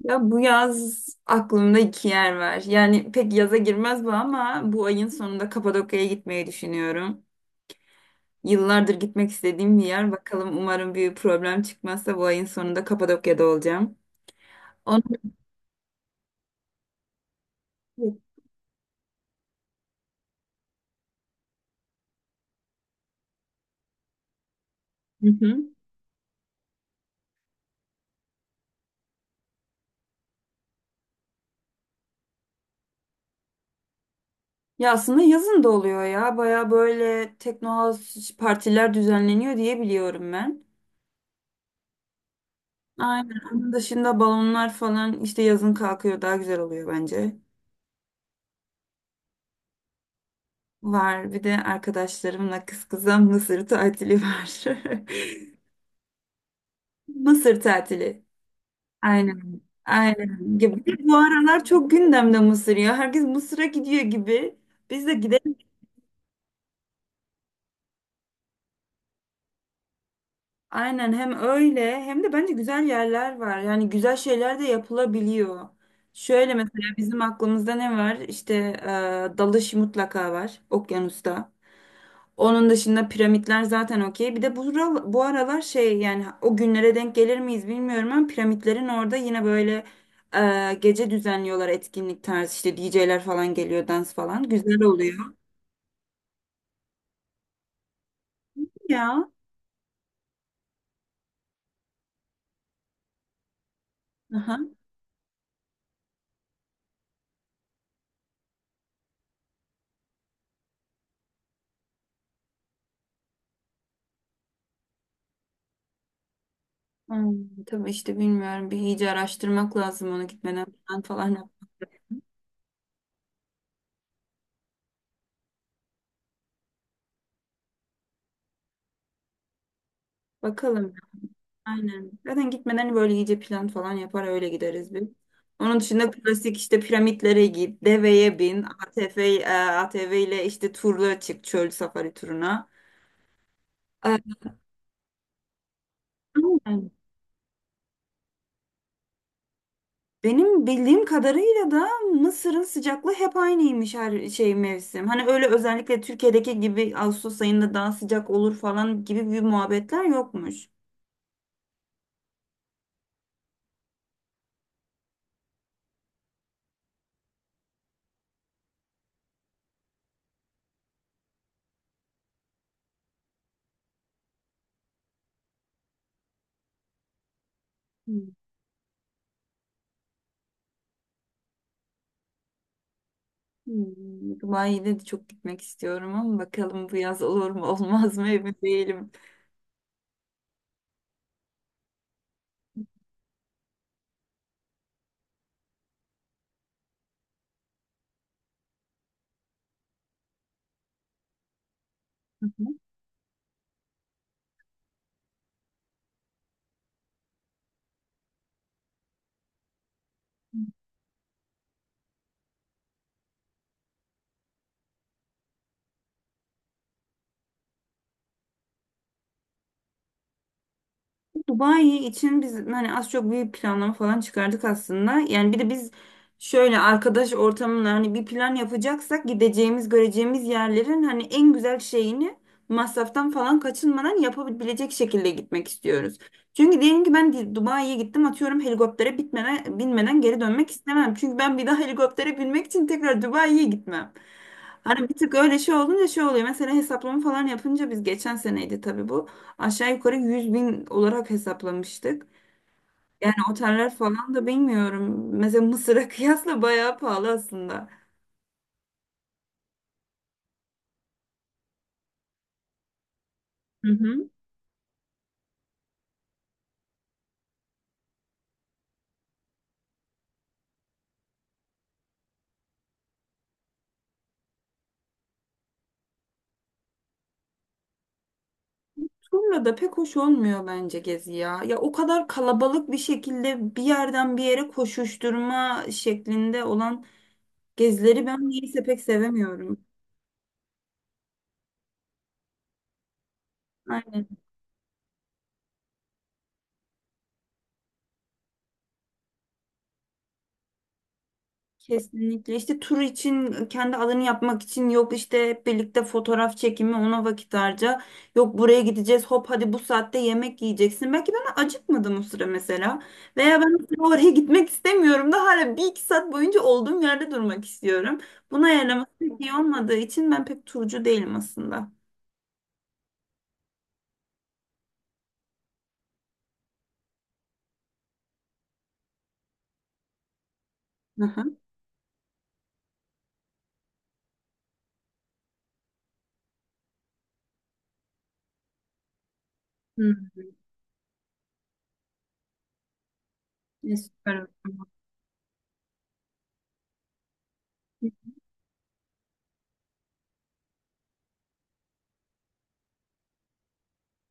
Ya bu yaz aklımda iki yer var. Yani pek yaza girmez bu ama bu ayın sonunda Kapadokya'ya gitmeyi düşünüyorum. Yıllardır gitmek istediğim bir yer. Bakalım, umarım bir problem çıkmazsa bu ayın sonunda Kapadokya'da olacağım. Onu... Hı hı. Ya aslında yazın da oluyor ya. Baya böyle teknohouse partiler düzenleniyor diye biliyorum ben. Aynen. Onun dışında balonlar falan işte yazın kalkıyor, daha güzel oluyor bence. Var, bir de arkadaşlarımla kız kıza Mısır tatili var. Mısır tatili. Aynen. Aynen. Ya bir de bu aralar çok gündemde Mısır ya. Herkes Mısır'a gidiyor gibi. Biz de gidelim. Aynen, hem öyle hem de bence güzel yerler var. Yani güzel şeyler de yapılabiliyor. Şöyle mesela bizim aklımızda ne var? İşte dalış mutlaka var okyanusta. Onun dışında piramitler zaten okey. Bir de bu aralar şey, yani o günlere denk gelir miyiz bilmiyorum ama piramitlerin orada yine böyle gece düzenliyorlar, etkinlik tarzı, işte DJ'ler falan geliyor, dans falan. Güzel oluyor ya. Aha. Hmm, tabii işte bilmiyorum, bir iyice araştırmak lazım onu gitmeden falan. Bakalım. Aynen. Zaten gitmeden böyle iyice plan falan yapar öyle gideriz biz. Onun dışında klasik işte piramitlere git, deveye bin, ATV, ATV ile işte turla çık, çöl safari turuna. E, Aynen. Benim bildiğim kadarıyla da Mısır'ın sıcaklığı hep aynıymış her şey mevsim. Hani öyle özellikle Türkiye'deki gibi Ağustos ayında daha sıcak olur falan gibi bir muhabbetler yokmuş. Hmm. Hmm. Dubai'de de çok gitmek istiyorum ama bakalım bu yaz olur mu olmaz mı, emin değilim. Dubai için biz hani az çok bir planlama falan çıkardık aslında. Yani bir de biz şöyle arkadaş ortamında hani bir plan yapacaksak gideceğimiz, göreceğimiz yerlerin hani en güzel şeyini masraftan falan kaçınmadan yapabilecek şekilde gitmek istiyoruz. Çünkü diyelim ki ben Dubai'ye gittim, atıyorum, helikoptere binmeden geri dönmek istemem. Çünkü ben bir daha helikoptere binmek için tekrar Dubai'ye gitmem. Hani bir tık öyle şey olunca şey oluyor. Mesela hesaplama falan yapınca, biz geçen seneydi tabii bu, aşağı yukarı 100 bin olarak hesaplamıştık. Yani oteller falan da bilmiyorum. Mesela Mısır'a kıyasla bayağı pahalı aslında. Hı hı. Turla da pek hoş olmuyor bence gezi ya. Ya o kadar kalabalık bir şekilde bir yerden bir yere koşuşturma şeklinde olan gezileri ben niyeyse pek sevemiyorum. Aynen. Kesinlikle, işte tur için kendi alanı yapmak için yok, işte hep birlikte fotoğraf çekimi, ona vakit harca, yok buraya gideceğiz, hop hadi bu saatte yemek yiyeceksin, belki ben acıkmadım o sıra mesela, veya ben o sıra oraya gitmek istemiyorum da hala bir iki saat boyunca olduğum yerde durmak istiyorum. Buna ayarlaması pek iyi olmadığı için ben pek turcu değilim aslında. Hı hı. Hı, ne süper.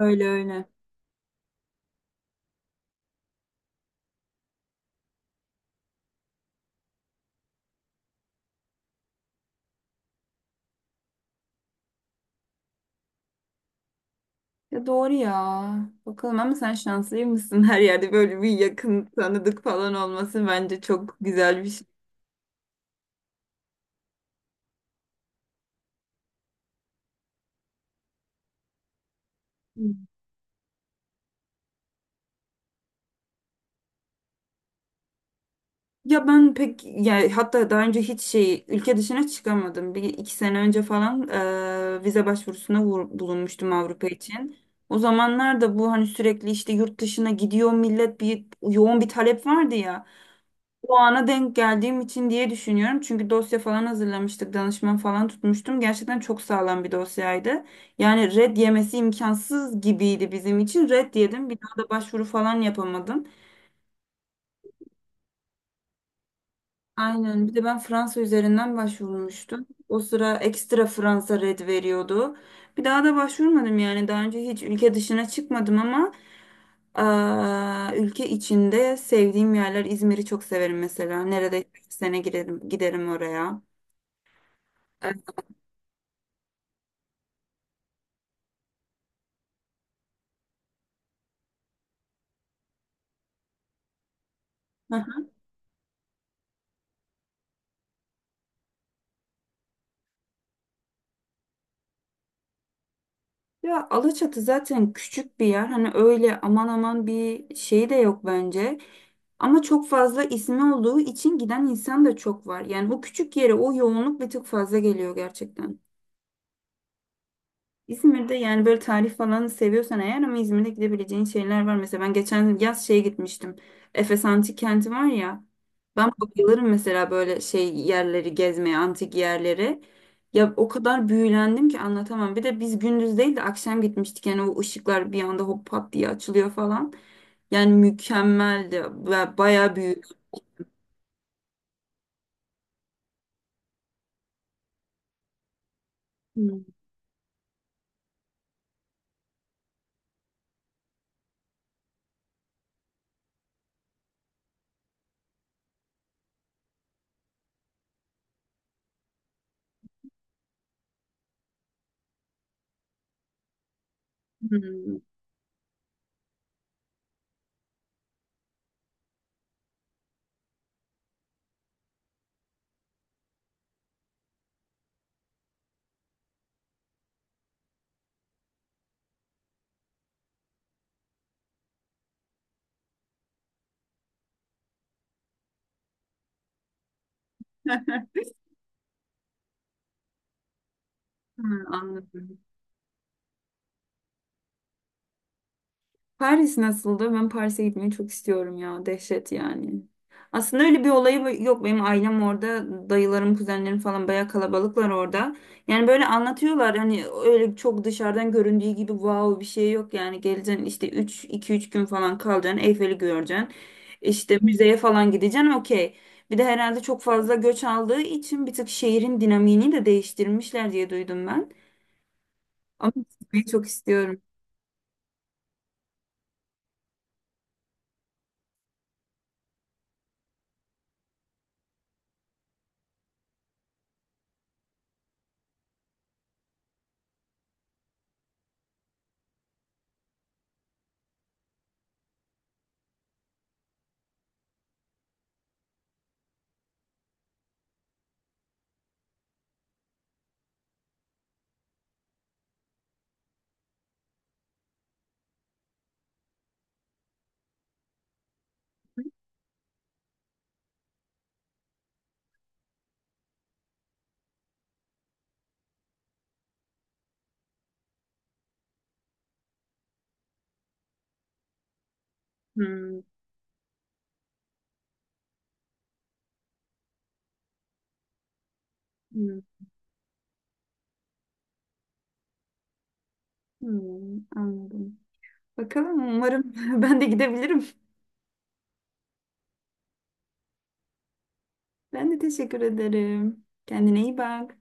Öyle öyle. Ya doğru ya. Bakalım ama sen şanslı mısın? Her yerde böyle bir yakın tanıdık falan olması bence çok güzel bir şey. Hmm. Ya ben pek, yani hatta daha önce hiç şey, ülke dışına çıkamadım. Bir iki sene önce falan vize başvurusuna bulunmuştum Avrupa için. O zamanlar da bu hani sürekli işte yurt dışına gidiyor millet, bir yoğun bir talep vardı ya. Bu ana denk geldiğim için diye düşünüyorum. Çünkü dosya falan hazırlamıştık, danışman falan tutmuştum. Gerçekten çok sağlam bir dosyaydı. Yani red yemesi imkansız gibiydi bizim için. Red yedim. Bir daha da başvuru falan yapamadım. Aynen. Bir de ben Fransa üzerinden başvurmuştum. O sıra ekstra Fransa red veriyordu. Bir daha da başvurmadım yani. Daha önce hiç ülke dışına çıkmadım ama ülke içinde sevdiğim yerler, İzmir'i çok severim mesela. Neredeyse bir sene giderim, giderim oraya. Aha. Ya Alaçatı zaten küçük bir yer. Hani öyle aman aman bir şey de yok bence. Ama çok fazla ismi olduğu için giden insan da çok var. Yani o küçük yere o yoğunluk bir tık fazla geliyor gerçekten. İzmir'de, yani böyle tarih falan seviyorsan eğer, ama İzmir'de gidebileceğin şeyler var. Mesela ben geçen yaz şeye gitmiştim. Efes Antik Kenti var ya. Ben bayılırım mesela böyle şey yerleri gezmeye, antik yerleri. Ya o kadar büyülendim ki anlatamam. Bir de biz gündüz değil de akşam gitmiştik. Yani o ışıklar bir anda hop pat diye açılıyor falan. Yani mükemmeldi. Ve bayağı büyük. Hmm. Hmm. Ha, anladım. Paris nasıldı? Ben Paris'e gitmeyi çok istiyorum ya. Dehşet yani. Aslında öyle bir olayı yok. Benim ailem orada. Dayılarım, kuzenlerim falan bayağı kalabalıklar orada. Yani böyle anlatıyorlar. Hani öyle çok dışarıdan göründüğü gibi wow bir şey yok. Yani geleceksin işte üç iki üç gün falan kalacaksın. Eyfel'i göreceksin. İşte müzeye falan gideceksin. Okey. Bir de herhalde çok fazla göç aldığı için bir tık şehrin dinamiğini de değiştirmişler diye duydum ben. Ama gitmeyi çok istiyorum. Hmm, hmm, hmm, anladım. Bakalım, umarım ben de gidebilirim. Ben de teşekkür ederim. Kendine iyi bak.